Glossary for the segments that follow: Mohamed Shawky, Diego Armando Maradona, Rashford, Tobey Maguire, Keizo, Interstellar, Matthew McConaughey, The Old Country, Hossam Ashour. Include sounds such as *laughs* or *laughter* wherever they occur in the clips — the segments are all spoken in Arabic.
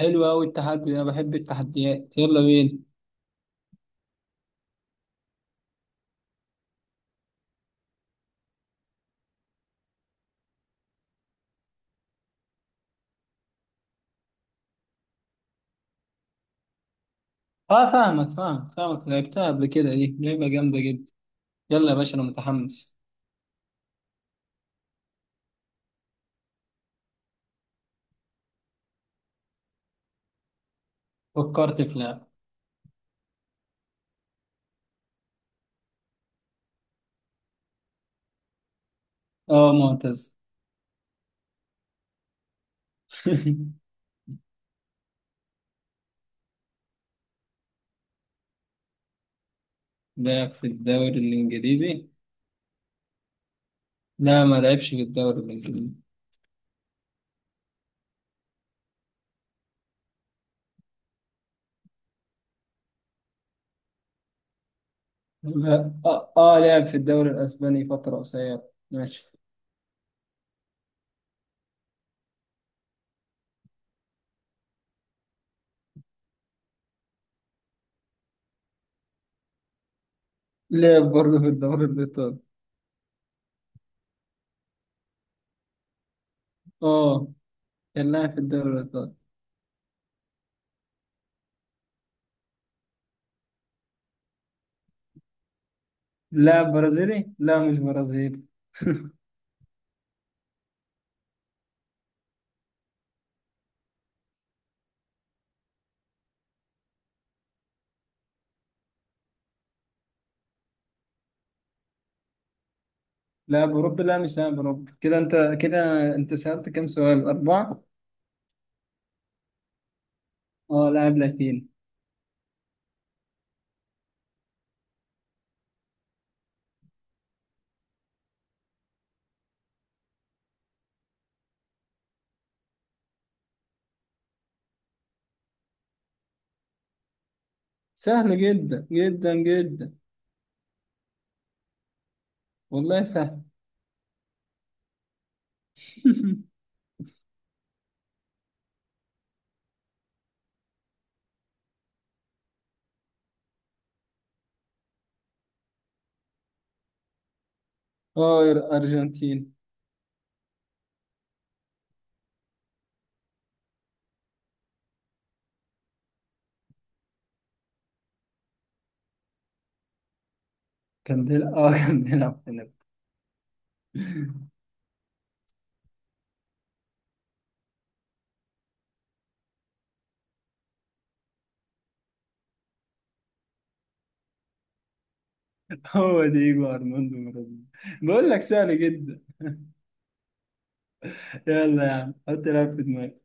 حلو أوي التحدي ده، أنا بحب التحديات. يلا بينا. أه فاهمك، لعبتها قبل كده، دي لعبة جامدة جدا. يلا يا باشا أنا متحمس. فكرت في لعبة. أه، معتز. *laughs* لعب في الدوري الإنجليزي. لا، ما لعبش في الدوري الإنجليزي. لا أه, آه، لعب في الدوري الأسباني فترة قصيرة. ماشي. لعب برضه في الدوري الإيطالي. أه، كان لاعب في الدوري الإيطالي. لاعب برازيلي؟ لا، مش برازيلي. *laughs* لاعب أوروبي؟ لا، مش لاعب أوروبي. كده أنت سألت كام سؤال؟ أربعة. أه، لاعب لاتيني. سهل جدا جدا جدا. والله سهل. *laughs* أه، أرجنتين. كان بيلعب، *laughs* كان بيلعب هناك. *laughs* هو دييجو أرماندو مارادونا. بقول لك سهل جدا. يلا يا عم حط لاعب في دماغك.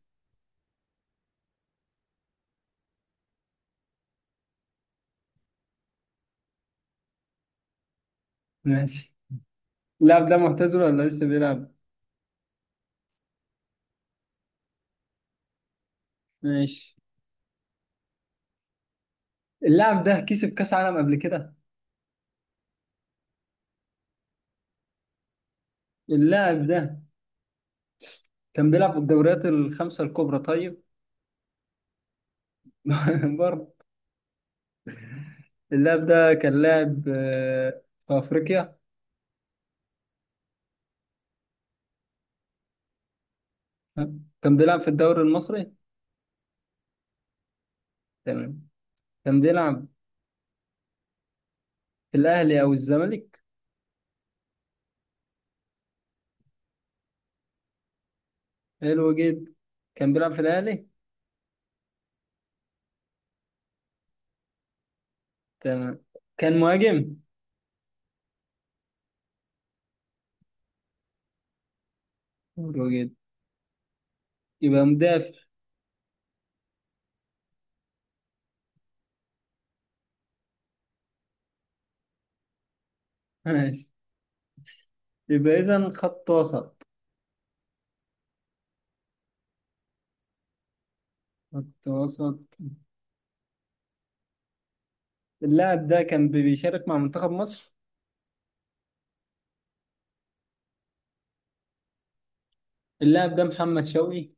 ماشي. اللاعب ده معتزل ولا لسه بيلعب؟ ماشي. اللاعب ده كسب كأس عالم قبل كده؟ اللاعب ده كان بيلعب في الدوريات الخمسة الكبرى طيب؟ *laughs* برضه. اللاعب ده كان لاعب في أفريقيا. تمام. كان بيلعب في الدوري المصري. تمام. كان بيلعب في الأهلي أو الزمالك. حلو جدا. كان بيلعب في الأهلي. تمام، كان مهاجم. حلو جدا، يبقى مدافع. *laughs* ماشي، يبقى إذا خط وسط. خط وسط. اللاعب ده كان بيشارك مع منتخب مصر. اللاعب ده محمد شوقي.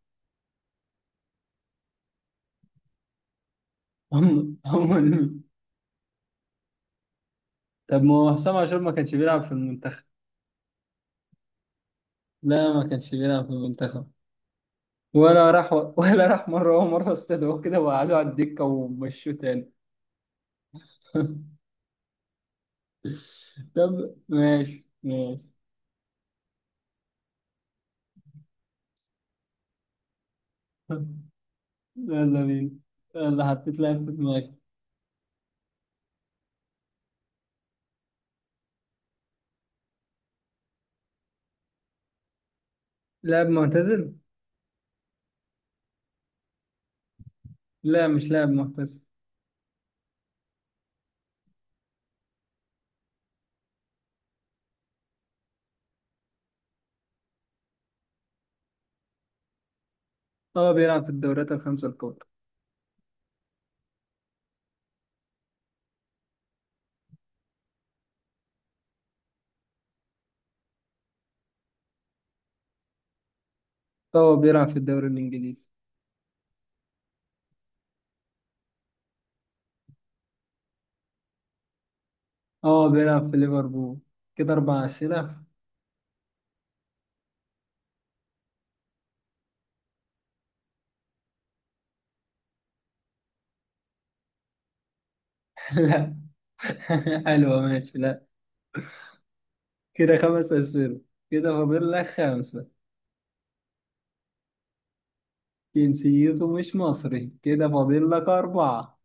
*laughs* هم هم ال- طب ما هو حسام عاشور ما كانش بيلعب في المنتخب. لا، ما كانش بيلعب في المنتخب. ولا راح. *laughs* ولا راح، مرة ومرة استدعوه كده وقعدوا على الدكة ومشوه تاني. *laughs* طب ماشي. *laughs* يلا بينا. يلا، حطيت لاعب في دماغي. لاعب معتزل؟ لا، مش لاعب معتزل. اه، بيلعب في الدوريات الخمسة الكبرى. اه، بيلعب في الدوري الإنجليزي. اه، بيلعب في ليفربول. كده أربع أسئلة. *laughs* لا. *laughs* حلوة ماشي، لا. كده خمس أسئلة، كده فاضل لك خمسة. جنسيته مش مصري، كده فاضل لك أربعة.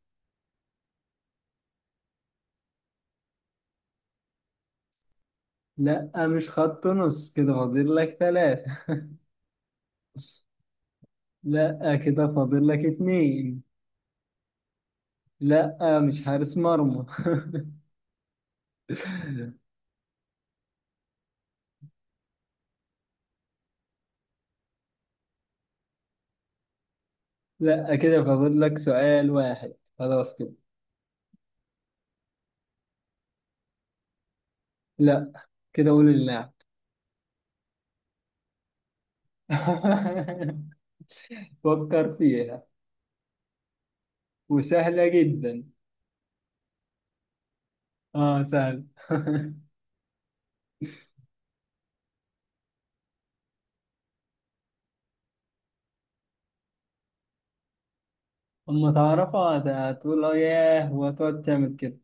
لا، مش خط نص، كده فاضل لك ثلاثة. لا، كده فاضل لك اتنين. لا، مش حارس مرمى. *laughs* لا، كده فاضل لك سؤال واحد. خلاص كده. لا، كده قول اللاعب. *laughs* فكر فيها، وسهلة جدا. اه، سهل. *laughs* اما تعرفها هتقول اه ياه وتقعد تعمل كده.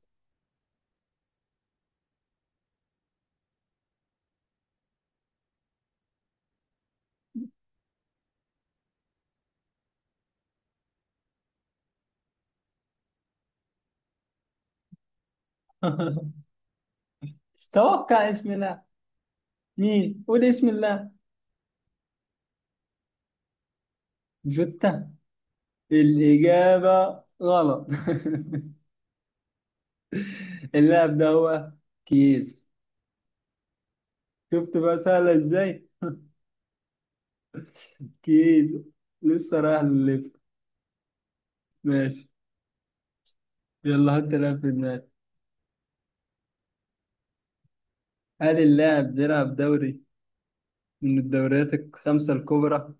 *laughs* توقع، اسم الله. مين؟ قول اسم الله. جوتا؟ الإجابة غلط. *laughs* اللاعب ده هو كيزو. شفت بقى سهلة ازاي؟ كيزو لسه رايح للليفر. ماشي. يلا حط لاعب في دماغك. هل اللاعب بيلعب دوري من الدوريات الخمسة الكبرى؟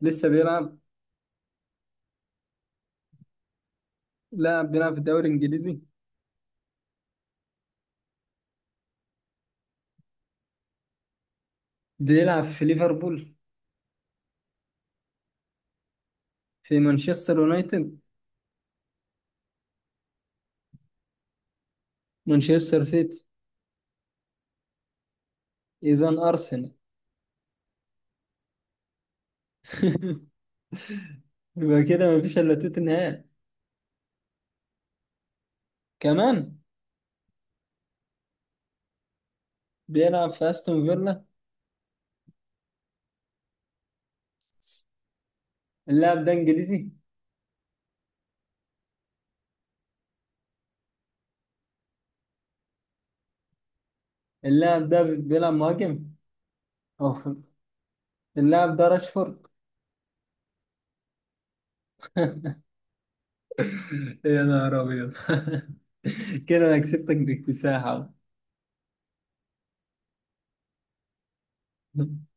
لسه بيلعب؟ لاعب بيلعب في الدوري الإنجليزي. بيلعب في ليفربول؟ في مانشستر يونايتد؟ مانشستر سيتي؟ إذا أرسنال. *laughs* يبقى كده مفيش إلا توتنهام. كمان. بيلعب في أستون فيلا. اللاعب ده إنجليزي. اللاعب ده بيلعب مهاجم. أوف، اللاعب ده راشفورد. *laughs* يا نهار أبيض. *laughs* كده أنا كسبتك باكتساح. أهو.